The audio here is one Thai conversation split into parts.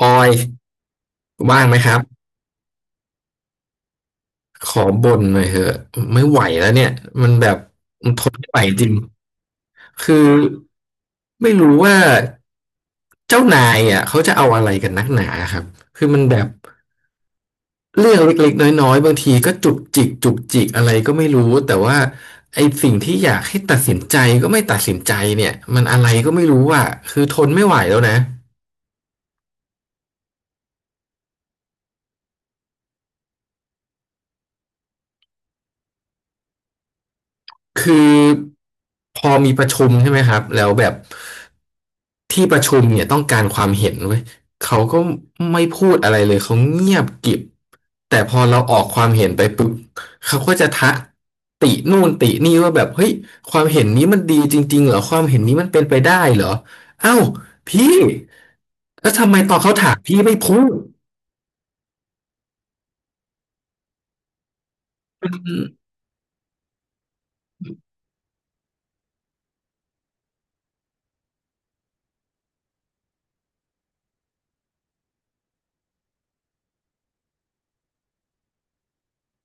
ออยว่างไหมครับขอบ่นหน่อยเถอะไม่ไหวแล้วเนี่ยมันแบบมันทนไม่ไหวจริงคือไม่รู้ว่าเจ้านายอ่ะเขาจะเอาอะไรกันนักหนาครับคือมันแบบเรื่องเล็กๆน้อยๆบางทีก็จุกจิกจุกจิกอะไรก็ไม่รู้แต่ว่าไอ้สิ่งที่อยากให้ตัดสินใจก็ไม่ตัดสินใจเนี่ยมันอะไรก็ไม่รู้อ่ะคือทนไม่ไหวแล้วนะ คือพอมีประชุมใช่ไหมครับแล้วแบบที่ประชุมเนี่ยต้องการความเห็นเว้ยเขาก็ไม่พูดอะไรเลยเขาเงียบกริบแต่พอเราออกความเห็นไปปุ๊บเขาก็จะทักตินู่นตินี่ว่าแบบเฮ้ยความเห็นนี้มันดีจริงๆเหรอความเห็นนี้มันเป็นไปได้เหรอเอ้าพี่แล้วทำไมตอนเขาถามพี่ไม่พูด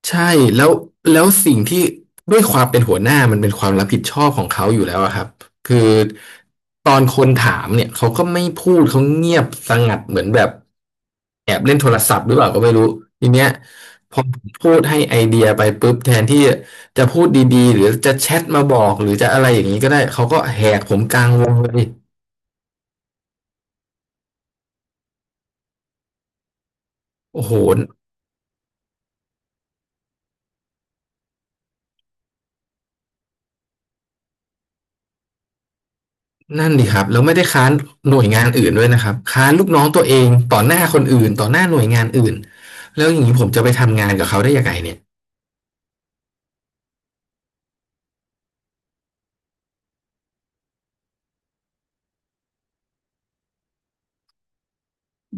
ใช่แล้วแล้วสิ่งที่ด้วยความเป็นหัวหน้ามันเป็นความรับผิดชอบของเขาอยู่แล้วอะครับคือตอนคนถามเนี่ยเขาก็ไม่พูดเขาเงียบสงัดเหมือนแบบแอบเล่นโทรศัพท์หรือเปล่าก็ไม่รู้ทีเนี้ยพอผมพูดให้ไอเดียไปปุ๊บแทนที่จะพูดดีๆหรือจะแชทมาบอกหรือจะอะไรอย่างนี้ก็ได้เขาก็แหกผมกลางวงเลยโอ้โห นั่นดิครับแล้วไม่ได้ค้านหน่วยงานอื่นด้วยนะครับค้านลูกน้องตัวเองต่อหน้าคนอื่นต่อหน้าหน่วยงานอื่นแล้วอย่างนี้ผมจะไปทำงานกับเขาได้ยังไงเนี่ย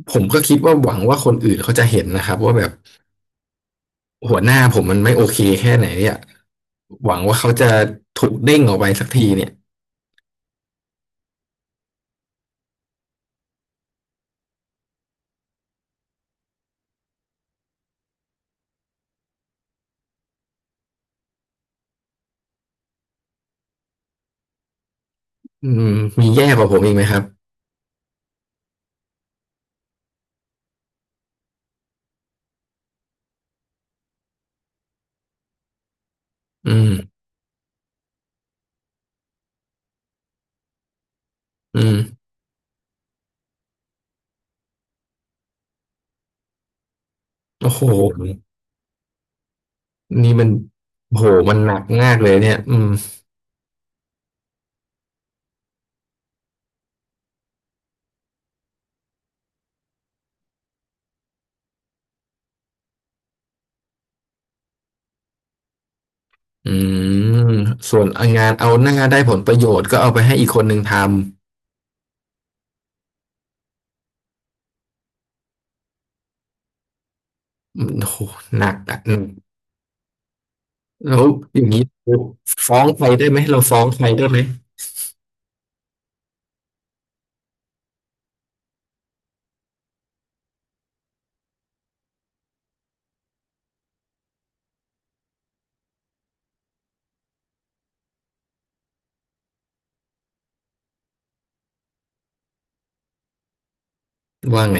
ผมก็คิดว่าหวังว่าคนอื่นเขาจะเห็นนะครับว่าแบบหัวหน้าผมมันไม่โอเคแค่ไหนเนี่ยหวังว่าเขาจะถูกเด้งออกไปสักทีเนี่ยอืมมีแย่กว่าผมอีกไหมครับอืมอืมโอ้โหนี่มันโอ้โหมันหนักมากเลยเนี่ยอืมอืมส่วนงานเอาหน้าได้ผลประโยชน์ก็เอาไปให้อีกคนหนึ่งทำ อืมโหหนักอ่ะอืมแล้วอย่างนี้ฟ้องใครได้ไหมเราฟ้องใครได้ไหมว่าไง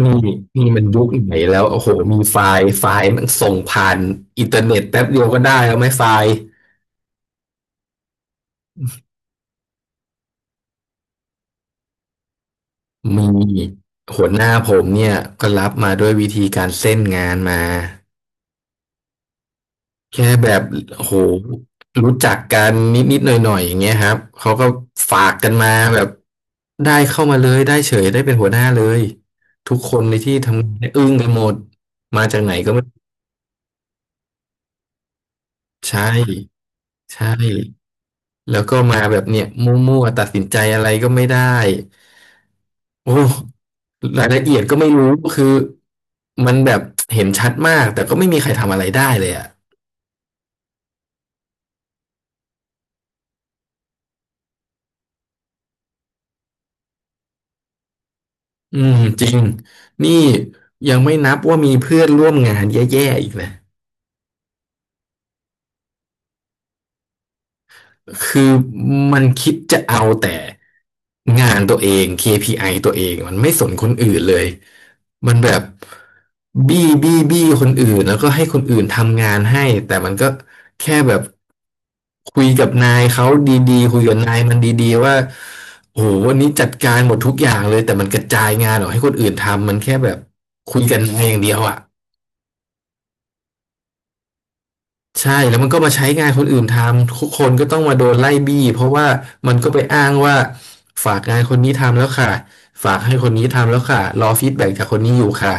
นี่นี่มันยุคไหนแล้วโอ้โหมีไฟล์ไฟล์มันส่งผ่านอินเทอร์เน็ตแป๊บเดียวก็ได้แล้วไหมไฟล์มีหัวหน้าผมเนี่ยก็รับมาด้วยวิธีการเส้นงานมา แค่แบบโอ้โหรู้จักกันนิดนิดหน่อยหน่อยๆอย่างเงี้ยครับเขาก็ฝากกันมาแบบได้เข้ามาเลยได้เฉยได้เป็นหัวหน้าเลยทุกคนในที่ทำงานเนี่ยอึ้งกันหมดมาจากไหนก็ไม่ใช่ใช่แล้วก็มาแบบเนี้ยมั่วๆตัดสินใจอะไรก็ไม่ได้โอ้รายละเอียดก็ไม่รู้คือมันแบบเห็นชัดมากแต่ก็ไม่มีใครทำอะไรได้เลยอะ อืมจริงนี่ยังไม่นับว่ามีเพื่อนร่วมงานแย่ๆอีกนะคือมันคิดจะเอาแต่งานตัวเอง KPI ตัวเองมันไม่สนคนอื่นเลยมันแบบบี้บี้บี้คนอื่นแล้วก็ให้คนอื่นทำงานให้แต่มันก็แค่แบบคุยกับนายเขาดีๆคุยกับนายมันดีๆว่าโอ้โหวันนี้จัดการหมดทุกอย่างเลยแต่มันกระจายงานออกให้คนอื่นทำมันแค่แบบคุยกันนายอย่างเดียวอ่ะ ใช่แล้วมันก็มาใช้งานคนอื่นทำทุกคนก็ต้องมาโดนไล่บี้เพราะว่ามันก็ไปอ้างว่าฝากงานคนนี้ทำแล้วค่ะฝากให้คนนี้ทำแล้วค่ะรอฟีดแบ็กจากคนนี้อยู่ค่ะ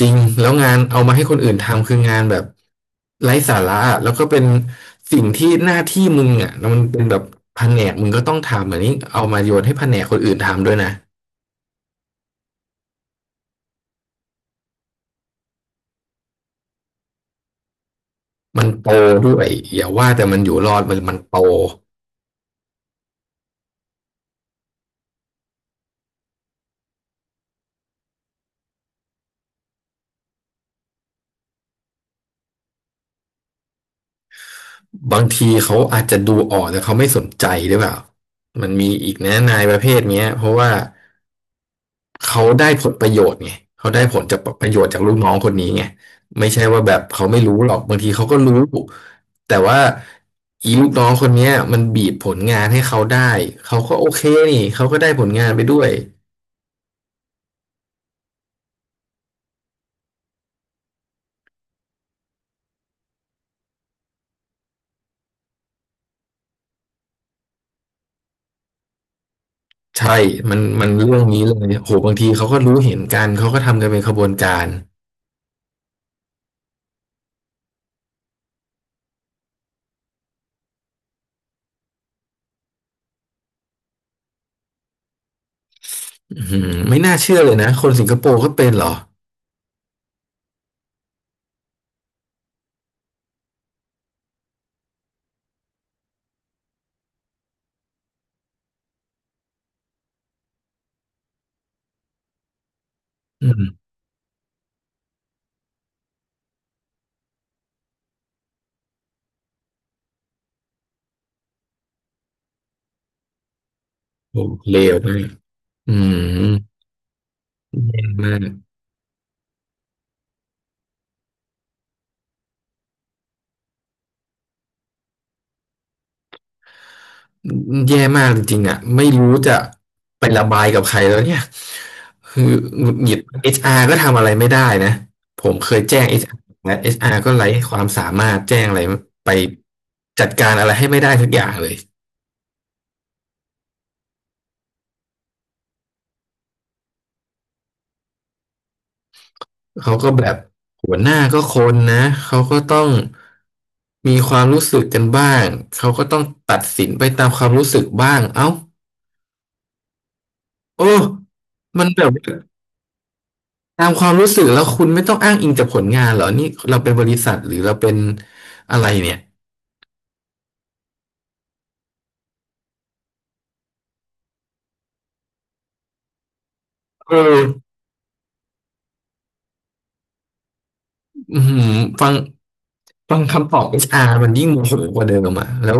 จริงแล้วงานเอามาให้คนอื่นทำคืองานแบบไร้สาระอะแล้วก็เป็นสิ่งที่หน้าที่มึงอ่ะแล้วมันเป็นแบบแผนกมึงก็ต้องทำอันนี้เอามาโยนให้แผนกคนอื่นทำด้วยนะมันโตด้วยอย่าว่าแต่มันอยู่รอดมันโต บางทีเขาอาจจะดูออกแต่เขาไม่สนใจหรือเปล่ามันมีอีกนะนายประเภทเนี้ยเพราะว่าเขาได้ผลประโยชน์ไงเขาได้ผลจากประโยชน์จากลูกน้องคนนี้ไงไม่ใช่ว่าแบบเขาไม่รู้หรอกบางทีเขาก็รู้แต่ว่าอีลูกน้องคนเนี้ยมันบีบผลงานให้เขาได้เขาก็โอเคนี่เขาก็ได้ผลงานไปด้วยใช่มันเรื่องนี้เลยโหบางทีเขาก็รู้เห็นกันเขาก็ทำกันเป็นขบวนการอือหือไม่น่าเชื่อเลยนะคนสิงคโปร์ก็เป็นเหรออืม โอ้เลวมากอืมแย่มากแย่มากจริงๆอ่ะไม่รู้จะไประบายกับใครแล้วเนี่ยคือหงุดหงิดเอชอาร์ก็ทำอะไรไม่ได้นะผมเคยแจ้งเอชอาร์และเอชอาร์ก็ไร้ความสามารถแจ้งอะไรไปจัดการอะไรให้ไม่ได้สักอย่างเลยเขาก็แบบหัวหน้าก็คนนะเขาก็ต้องมีความรู้สึกกันบ้างเขาก็ต้องตัดสินไปตามความรู้สึกบ้างเอ้าโอ้มันแบบ ตามความรู้สึกแล้วคุณไม่ต้องอ้างอิงจากผลงานเหรอนี่เราเป็นบริษัทหรือเราเป็นอะไรเนี่ยเอออืมฟังฟังคำตอบเอชอาร r มันยิ่งโมโหกว่าเดิมอ่ะแล้ว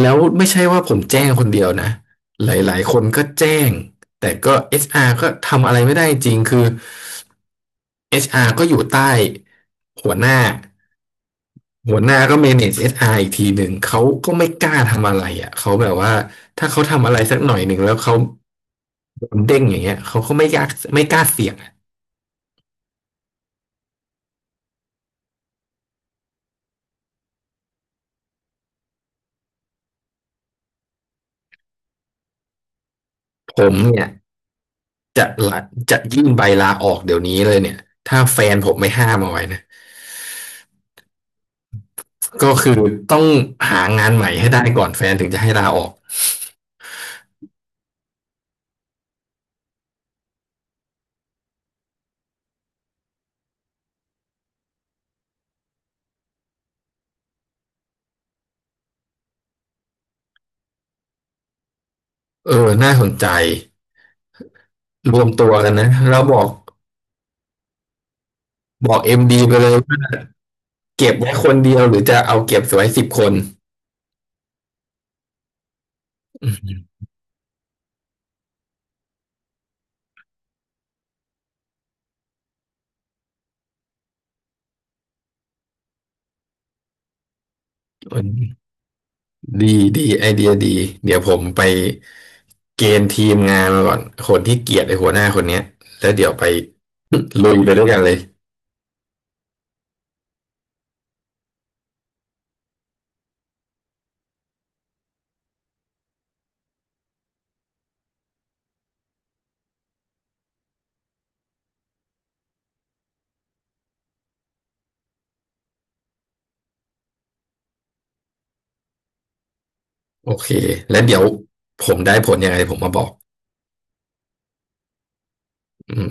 แล้วไม่ใช่ว่าผมแจ้งคนเดียวนะหลาย ๆ คนก็แจ้งแต่ก็เอชอาร r ก็ทำอะไรไม่ได้จริงคือเอชอาร r ก็อยู่ใต้หัวหน้าหัวหน้าก็ manage เอชอาร r อีกทีหนึ่งเขาก็ไม่กล้าทำอะไรอ่ะเขาแบบว่าถ้าเขาทำอะไรสักหน่อยหนึ่งแล้วเขา โดนเด้งอย่างเงี้ยเขาก็ไม่ยากไม่กล้าเสี่ยงอะผมเนี่ยจะละจะยื่นใบลาออกเดี๋ยวนี้เลยเนี่ยถ้าแฟนผมไม่ห้ามเอาไว้นะก็คือต้องหางานใหม่ให้ได้ก่อนแฟนถึงจะให้ลาออกเออน่าสนใจรวมตัวกันนะแล้วบอกบอกเอ็มดีไปเลยว่าเก็บไว้คนเดียวหรือจะเอาเก็บไว้10 คนอืมดีดีไอเดียดีเดี๋ยวผมไปเกณฑ์ทีมงานมาก่อนคนที่เกลียดไอ้หัวหน้าคนเนี้ยแล้วเดี๋ยวไปลุยไปด้วยกันเลย โอเค แล้วเดี๋ยวผมได้ผลยังไงผมมาบอกอืม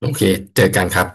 โอเค เจอกันครับ